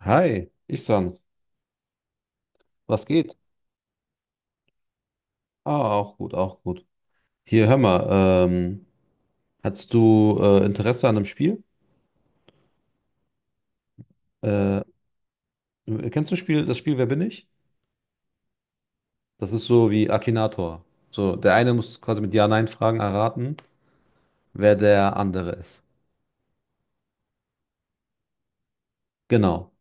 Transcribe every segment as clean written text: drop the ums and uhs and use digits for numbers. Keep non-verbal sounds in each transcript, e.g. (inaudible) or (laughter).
Hi, Ihsan, was geht? Ah, auch gut, auch gut. Hier, hör mal, ähm, hast du Interesse an einem Spiel? Äh, kennst du das Spiel Wer bin ich? Das ist so wie Akinator. So, der eine muss quasi mit Ja-Nein-Fragen erraten, wer der andere ist. Genau.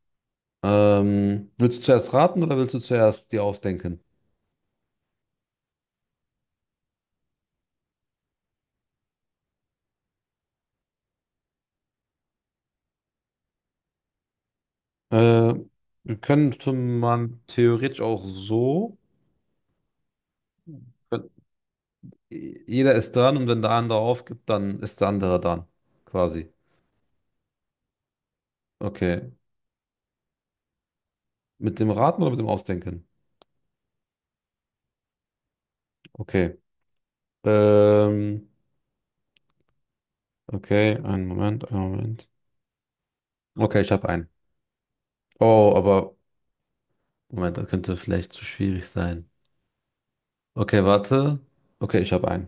Willst du zuerst raten oder willst du zuerst dir ausdenken? Äh, könnte man theoretisch auch so. äh, Jeder ist dran und wenn der andere aufgibt, dann ist der andere dran, quasi. Okay. Mit dem Raten oder mit dem Ausdenken? Okay. Ähm, okay, einen Moment, einen Moment. Okay, ich habe einen. Oh, aber Moment, das könnte vielleicht zu schwierig sein. Okay, warte. Okay, ich habe einen.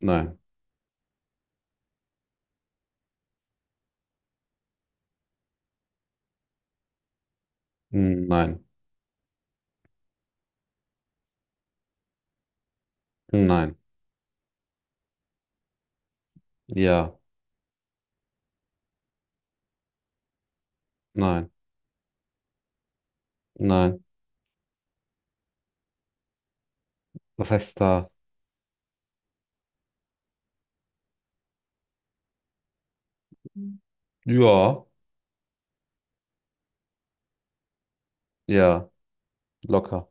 Nein. Hm, nein. Nein. Ja. Nein. Nein. Was heißt da? Ja. Ja. Locker.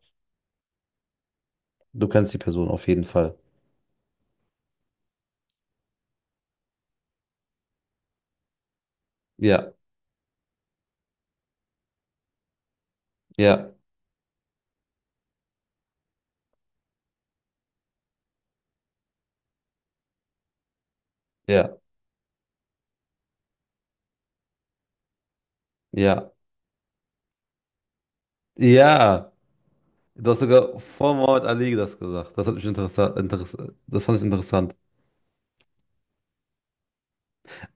Du kennst die Person auf jeden Fall. Ja. Ja. Ja. Ja. Ja. Du hast sogar vor Muhammad Ali das gesagt. Das hat mich interessant, interess das fand ich interessant.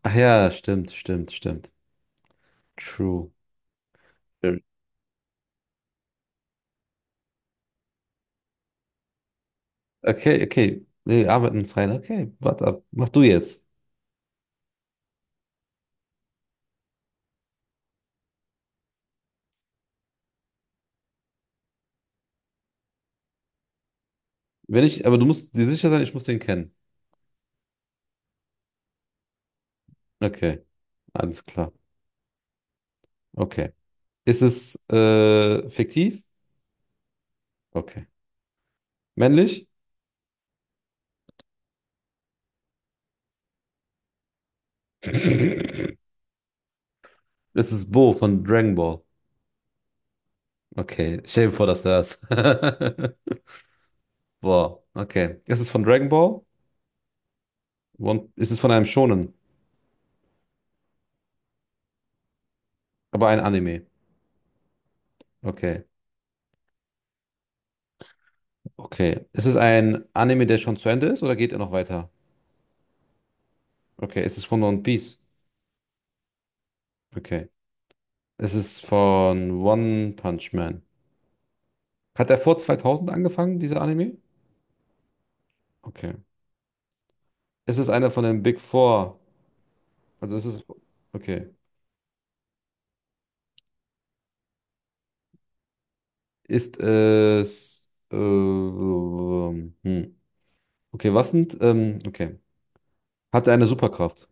Ach ja, stimmt, stimmt, stimmt. True. Stimmt. Okay, okay. Nee, arbeiten uns rein. Okay, warte ab. Mach du jetzt. Wenn ich, aber du musst dir sicher sein, ich muss den kennen. Okay, alles klar. Okay. Ist es fiktiv? Okay. Männlich? (clears throat) (laughs) Es ist Bo von Dragon Ball. Okay, stell dir vor, dass du das. (laughs) Boah, okay. Ist es von Dragon Ball? Ist es von einem Shonen? Aber ein Anime. Okay, okay. Ist es ein Anime, der schon zu Ende ist oder geht er noch weiter? Okay, ist es von One Piece? Okay. Ist es von One Punch Man? Hat er vor 2000 angefangen, dieser Anime? Okay. Ist es einer von den Big Four? Also ist es. Okay. Ist es. Hm. Okay, was sind. Okay. Hat er eine Superkraft?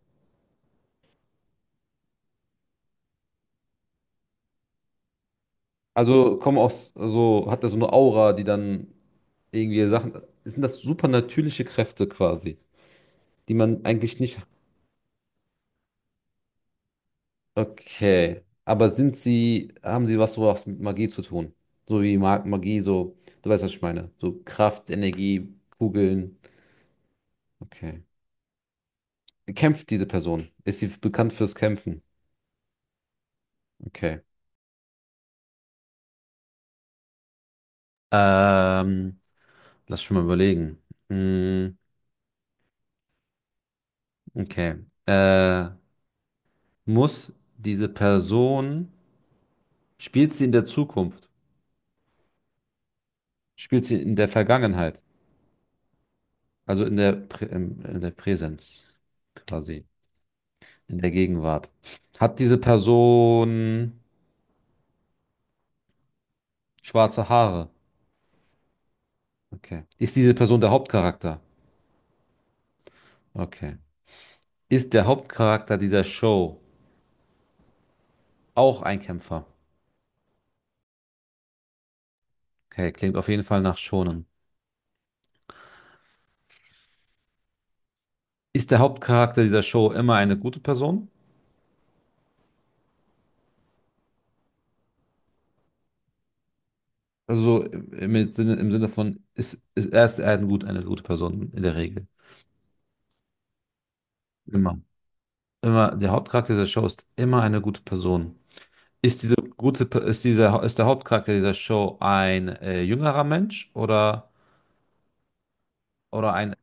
Also kommen aus. Also hat er so eine Aura, die dann irgendwie Sachen. Sind das supernatürliche Kräfte quasi? Die man eigentlich nicht. Okay. Aber haben sie was sowas mit Magie zu tun? So wie Magie, so, du weißt, was ich meine. So Kraft, Energie, Kugeln. Okay. Kämpft diese Person? Ist sie bekannt fürs Kämpfen? Okay. Ähm, lass schon mal überlegen. Hm, okay. Äh, muss diese Person, spielt sie in der Zukunft? Spielt sie in der Vergangenheit? Also in der Präsenz quasi. In der Gegenwart. Hat diese Person schwarze Haare? Okay. Ist diese Person der Hauptcharakter? Okay. Ist der Hauptcharakter dieser Show auch ein Kämpfer? Okay, klingt auf jeden Fall nach Shonen. Ist der Hauptcharakter dieser Show immer eine gute Person? Also im Sinne von, ist, ist er ein gut, eine gute Person in der Regel. Immer. Immer, der Hauptcharakter dieser Show ist immer eine gute Person. Ist diese gute, Pe- ist dieser, ist der Hauptcharakter dieser Show ein jüngerer Mensch oder? Oder ein,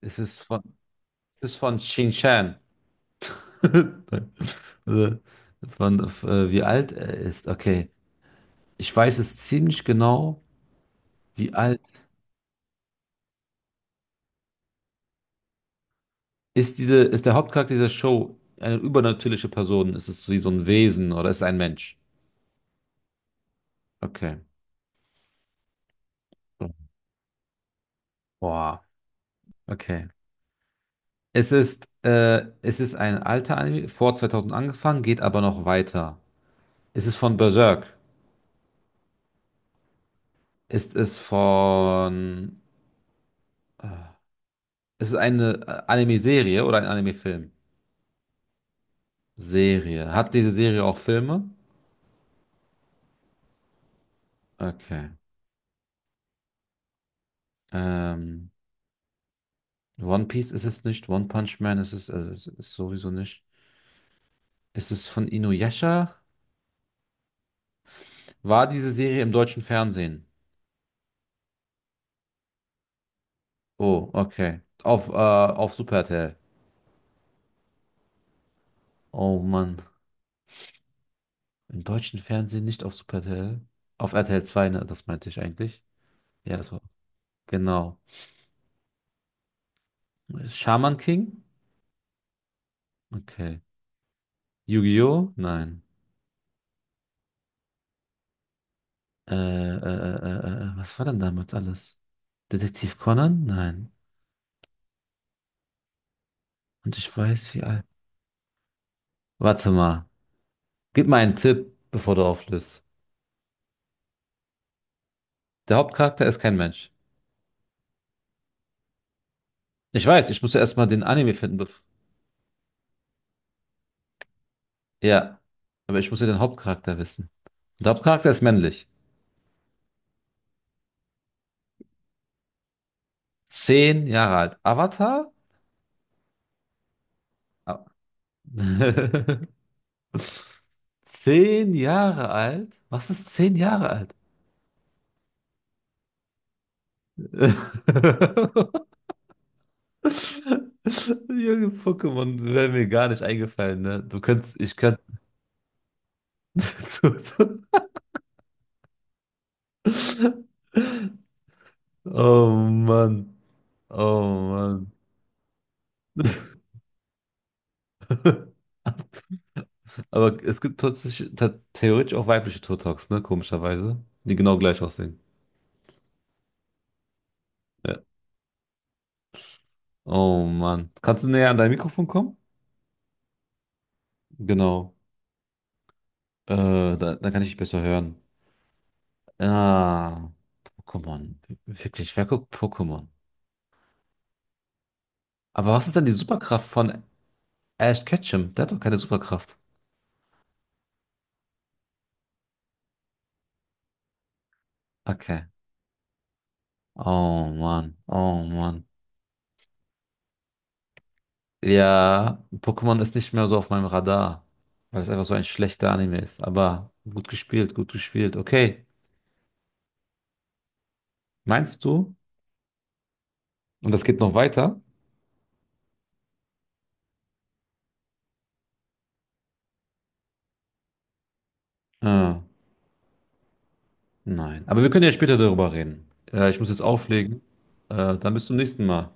es ist von, es ist von Xinjiang. (laughs) Also, von, wie alt er ist. Okay. Ich weiß es ziemlich genau, wie alt ist der Hauptcharakter dieser Show eine übernatürliche Person? Ist es wie so ein Wesen oder ist es ein Mensch? Okay. Boah. Okay. Es ist ein alter Anime, vor 2000 angefangen, geht aber noch weiter. Ist es von Berserk? Ist es von, äh, ist es eine Anime-Serie oder ein Anime-Film? Serie. Hat diese Serie auch Filme? Okay. Ähm, One Piece ist es nicht. One Punch Man ist es, also es ist sowieso nicht. Ist es von Inuyasha? War diese Serie im deutschen Fernsehen? Oh, okay. Auf Super RTL. Oh Mann. Im deutschen Fernsehen nicht auf Super RTL. Auf RTL zwei, ne? Das meinte ich eigentlich. Ja, das war. Genau. Shaman King? Okay. Yu-Gi-Oh? Nein. Was war denn damals alles? Detektiv Conan? Nein. Und ich weiß, wie alt. Warte mal. Gib mal einen Tipp, bevor du auflöst. Der Hauptcharakter ist kein Mensch. Ich weiß, ich muss ja erstmal den Anime finden. Ja, aber ich muss ja den Hauptcharakter wissen. Und der Hauptcharakter ist männlich. 10 Jahre alt. Avatar? Ah. (laughs) 10 Jahre alt? Was ist 10 Jahre alt? (laughs) Junge Pokémon wäre mir gar nicht eingefallen, ne? Du könntest, ich könnte. (laughs) Du- du- Oh Mann. Oh Mann. (laughs) Aber es gibt tatsächlich, theoretisch auch weibliche Turtles, ne? Komischerweise. Die genau gleich aussehen. Ja. Oh Mann. Kannst du näher an dein Mikrofon kommen? Genau. Äh, dann kann ich dich besser hören. Ah, Pokémon. Wirklich, wer guckt Pokémon? Aber was ist denn die Superkraft von Ash Ketchum? Der hat doch keine Superkraft. Okay. Oh Mann. Oh Mann. Ja, Pokémon ist nicht mehr so auf meinem Radar, weil es einfach so ein schlechter Anime ist. Aber gut gespielt, gut gespielt. Okay, meinst du? Und das geht noch weiter? Äh, nein. Aber wir können ja später darüber reden. Ich muss jetzt auflegen. Dann bis zum nächsten Mal.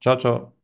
Ciao, ciao.